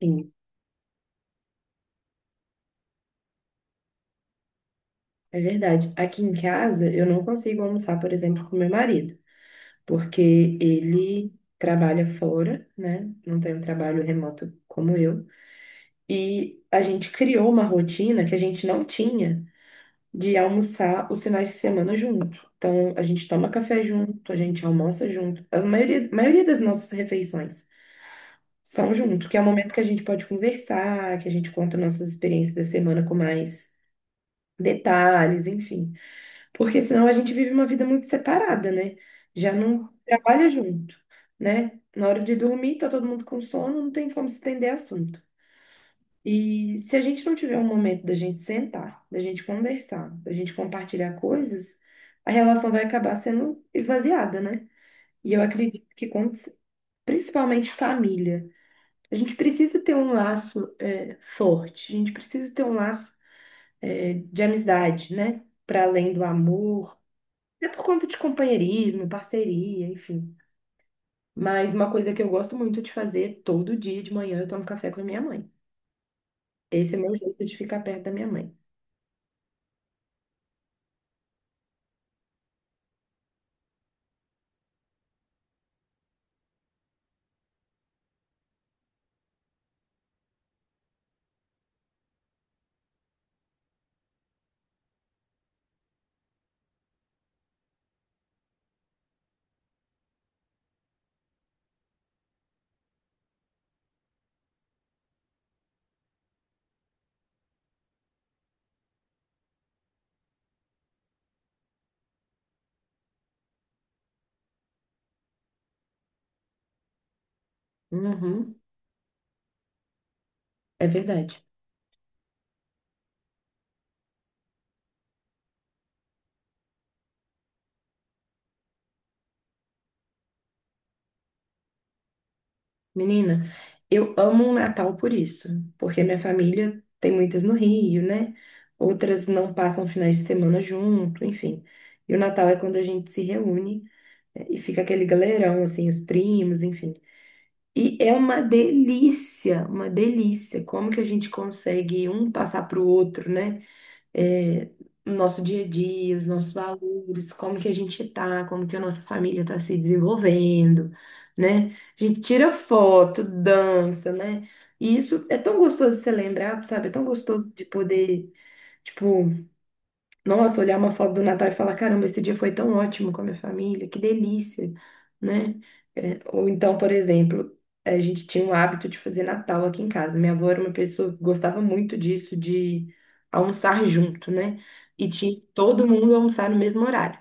Sim, é verdade. Aqui em casa, eu não consigo almoçar, por exemplo, com meu marido, porque ele trabalha fora, né? Não tem um trabalho remoto como eu. E a gente criou uma rotina que a gente não tinha de almoçar os finais de semana junto. Então, a gente toma café junto, a gente almoça junto. A maioria das nossas refeições são junto, que é o momento que a gente pode conversar, que a gente conta nossas experiências da semana com mais detalhes, enfim. Porque senão a gente vive uma vida muito separada, né? Já não trabalha junto, né? Na hora de dormir, tá todo mundo com sono, não tem como se estender assunto. E se a gente não tiver um momento da gente sentar, da gente conversar, da gente compartilhar coisas, a relação vai acabar sendo esvaziada, né? E eu acredito que, principalmente família, a gente precisa ter um laço, forte, a gente precisa ter um laço é, de amizade, né? Para além do amor. É por conta de companheirismo, parceria, enfim. Mas uma coisa que eu gosto muito de fazer todo dia de manhã, eu tomo café com a minha mãe. Esse é meu jeito de ficar perto da minha mãe. Uhum, é verdade. Menina, eu amo o Natal por isso, porque minha família tem muitas no Rio, né? Outras não passam finais de semana junto, enfim. E o Natal é quando a gente se reúne, né, e fica aquele galerão, assim, os primos, enfim. E é uma delícia, uma delícia. Como que a gente consegue um passar para o outro, né? É, o nosso dia a dia, os nossos valores, como que a gente tá, como que a nossa família está se desenvolvendo, né? A gente tira foto, dança, né? E isso é tão gostoso de você lembrar, sabe? É tão gostoso de poder, tipo, nossa, olhar uma foto do Natal e falar, caramba, esse dia foi tão ótimo com a minha família, que delícia, né? É, ou então, por exemplo, a gente tinha o hábito de fazer Natal aqui em casa. Minha avó era uma pessoa que gostava muito disso, de almoçar junto, né? E tinha todo mundo almoçar no mesmo horário.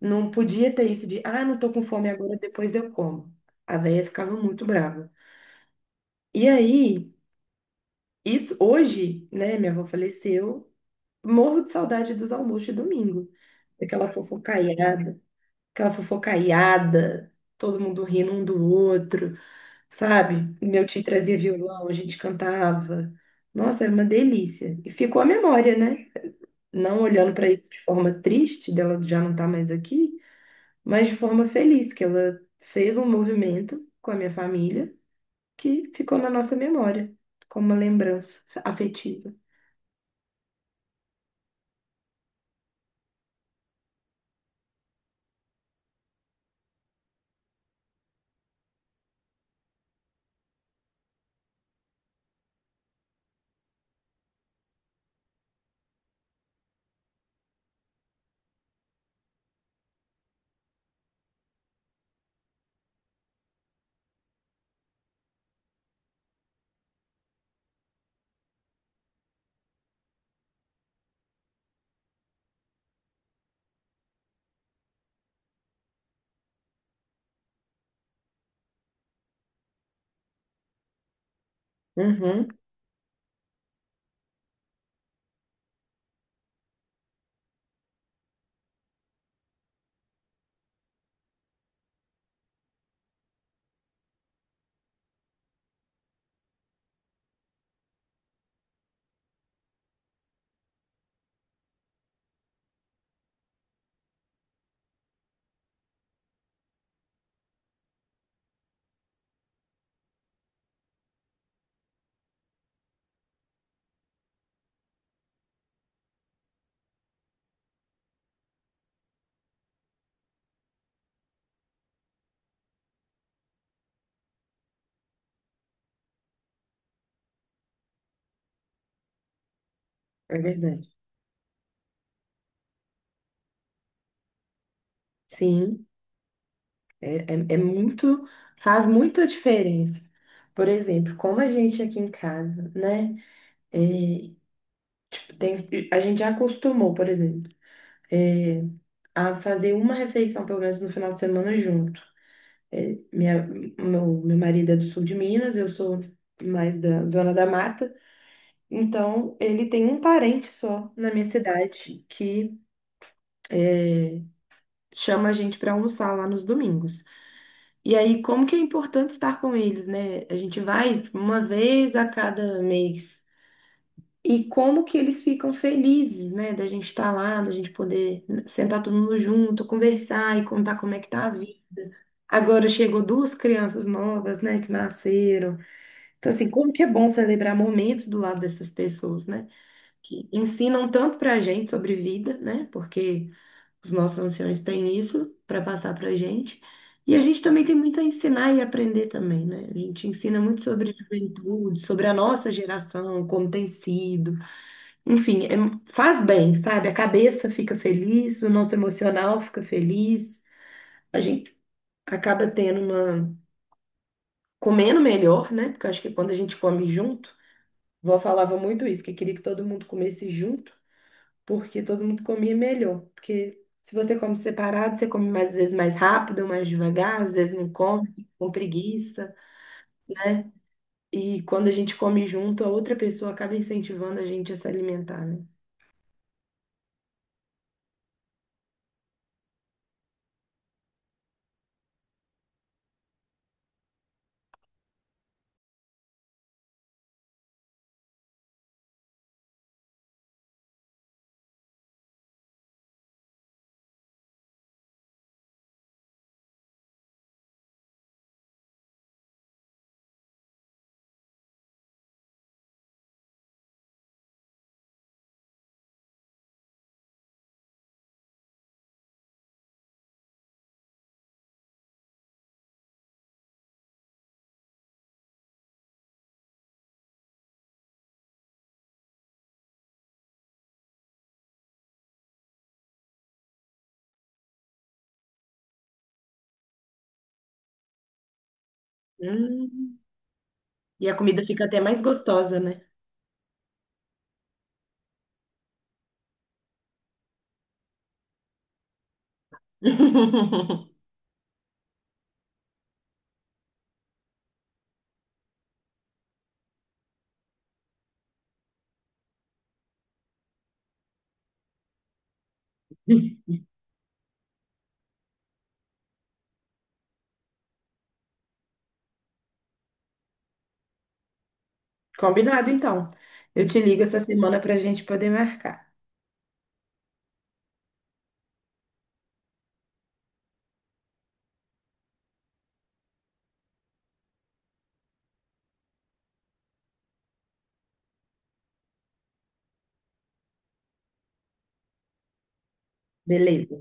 Não podia ter isso de, ah, não tô com fome agora, depois eu como. A véia ficava muito brava. E aí, isso hoje, né? Minha avó faleceu. Morro de saudade dos almoços de domingo. Daquela fofocaiada, aquela fofocaiada, todo mundo rindo um do outro, sabe? Meu tio trazia violão, a gente cantava. Nossa, era uma delícia. E ficou a memória, né? Não olhando para isso de forma triste, dela já não tá mais aqui, mas de forma feliz, que ela fez um movimento com a minha família que ficou na nossa memória, como uma lembrança afetiva. Uhum, é verdade. Sim. É, é, é muito, faz muita diferença. Por exemplo, como a gente aqui em casa, né? é, tipo, tem, a gente já acostumou, por exemplo, é, a fazer uma refeição, pelo menos no final de semana, junto. É, meu marido é do sul de Minas, eu sou mais da zona da mata, então ele tem um parente só na minha cidade que é, chama a gente para almoçar lá nos domingos. E aí, como que é importante estar com eles, né? A gente vai tipo, uma vez a cada mês. E como que eles ficam felizes, né? Da gente estar lá, da gente poder sentar todo mundo junto, conversar e contar como é que tá a vida. Agora chegou duas crianças novas, né, que nasceram. Então, assim, como que é bom celebrar momentos do lado dessas pessoas, né? Que ensinam tanto pra gente sobre vida, né? Porque os nossos anciões têm isso para passar para a gente. E a gente também tem muito a ensinar e aprender também, né? A gente ensina muito sobre juventude, sobre a nossa geração, como tem sido. Enfim, faz bem, sabe? A cabeça fica feliz, o nosso emocional fica feliz. A gente acaba tendo uma... comendo melhor, né? Porque eu acho que quando a gente come junto, vó falava muito isso, que queria que todo mundo comesse junto. Porque todo mundo comia melhor. Porque se você come separado, você come mais, às vezes mais rápido, mais devagar, às vezes não come, com preguiça, né? E quando a gente come junto, a outra pessoa acaba incentivando a gente a se alimentar, né? Hum. E a comida fica até mais gostosa, né? Combinado, então. Eu te ligo essa semana para a gente poder marcar. Beleza.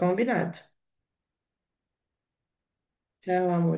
Combinado. Tchau, amor.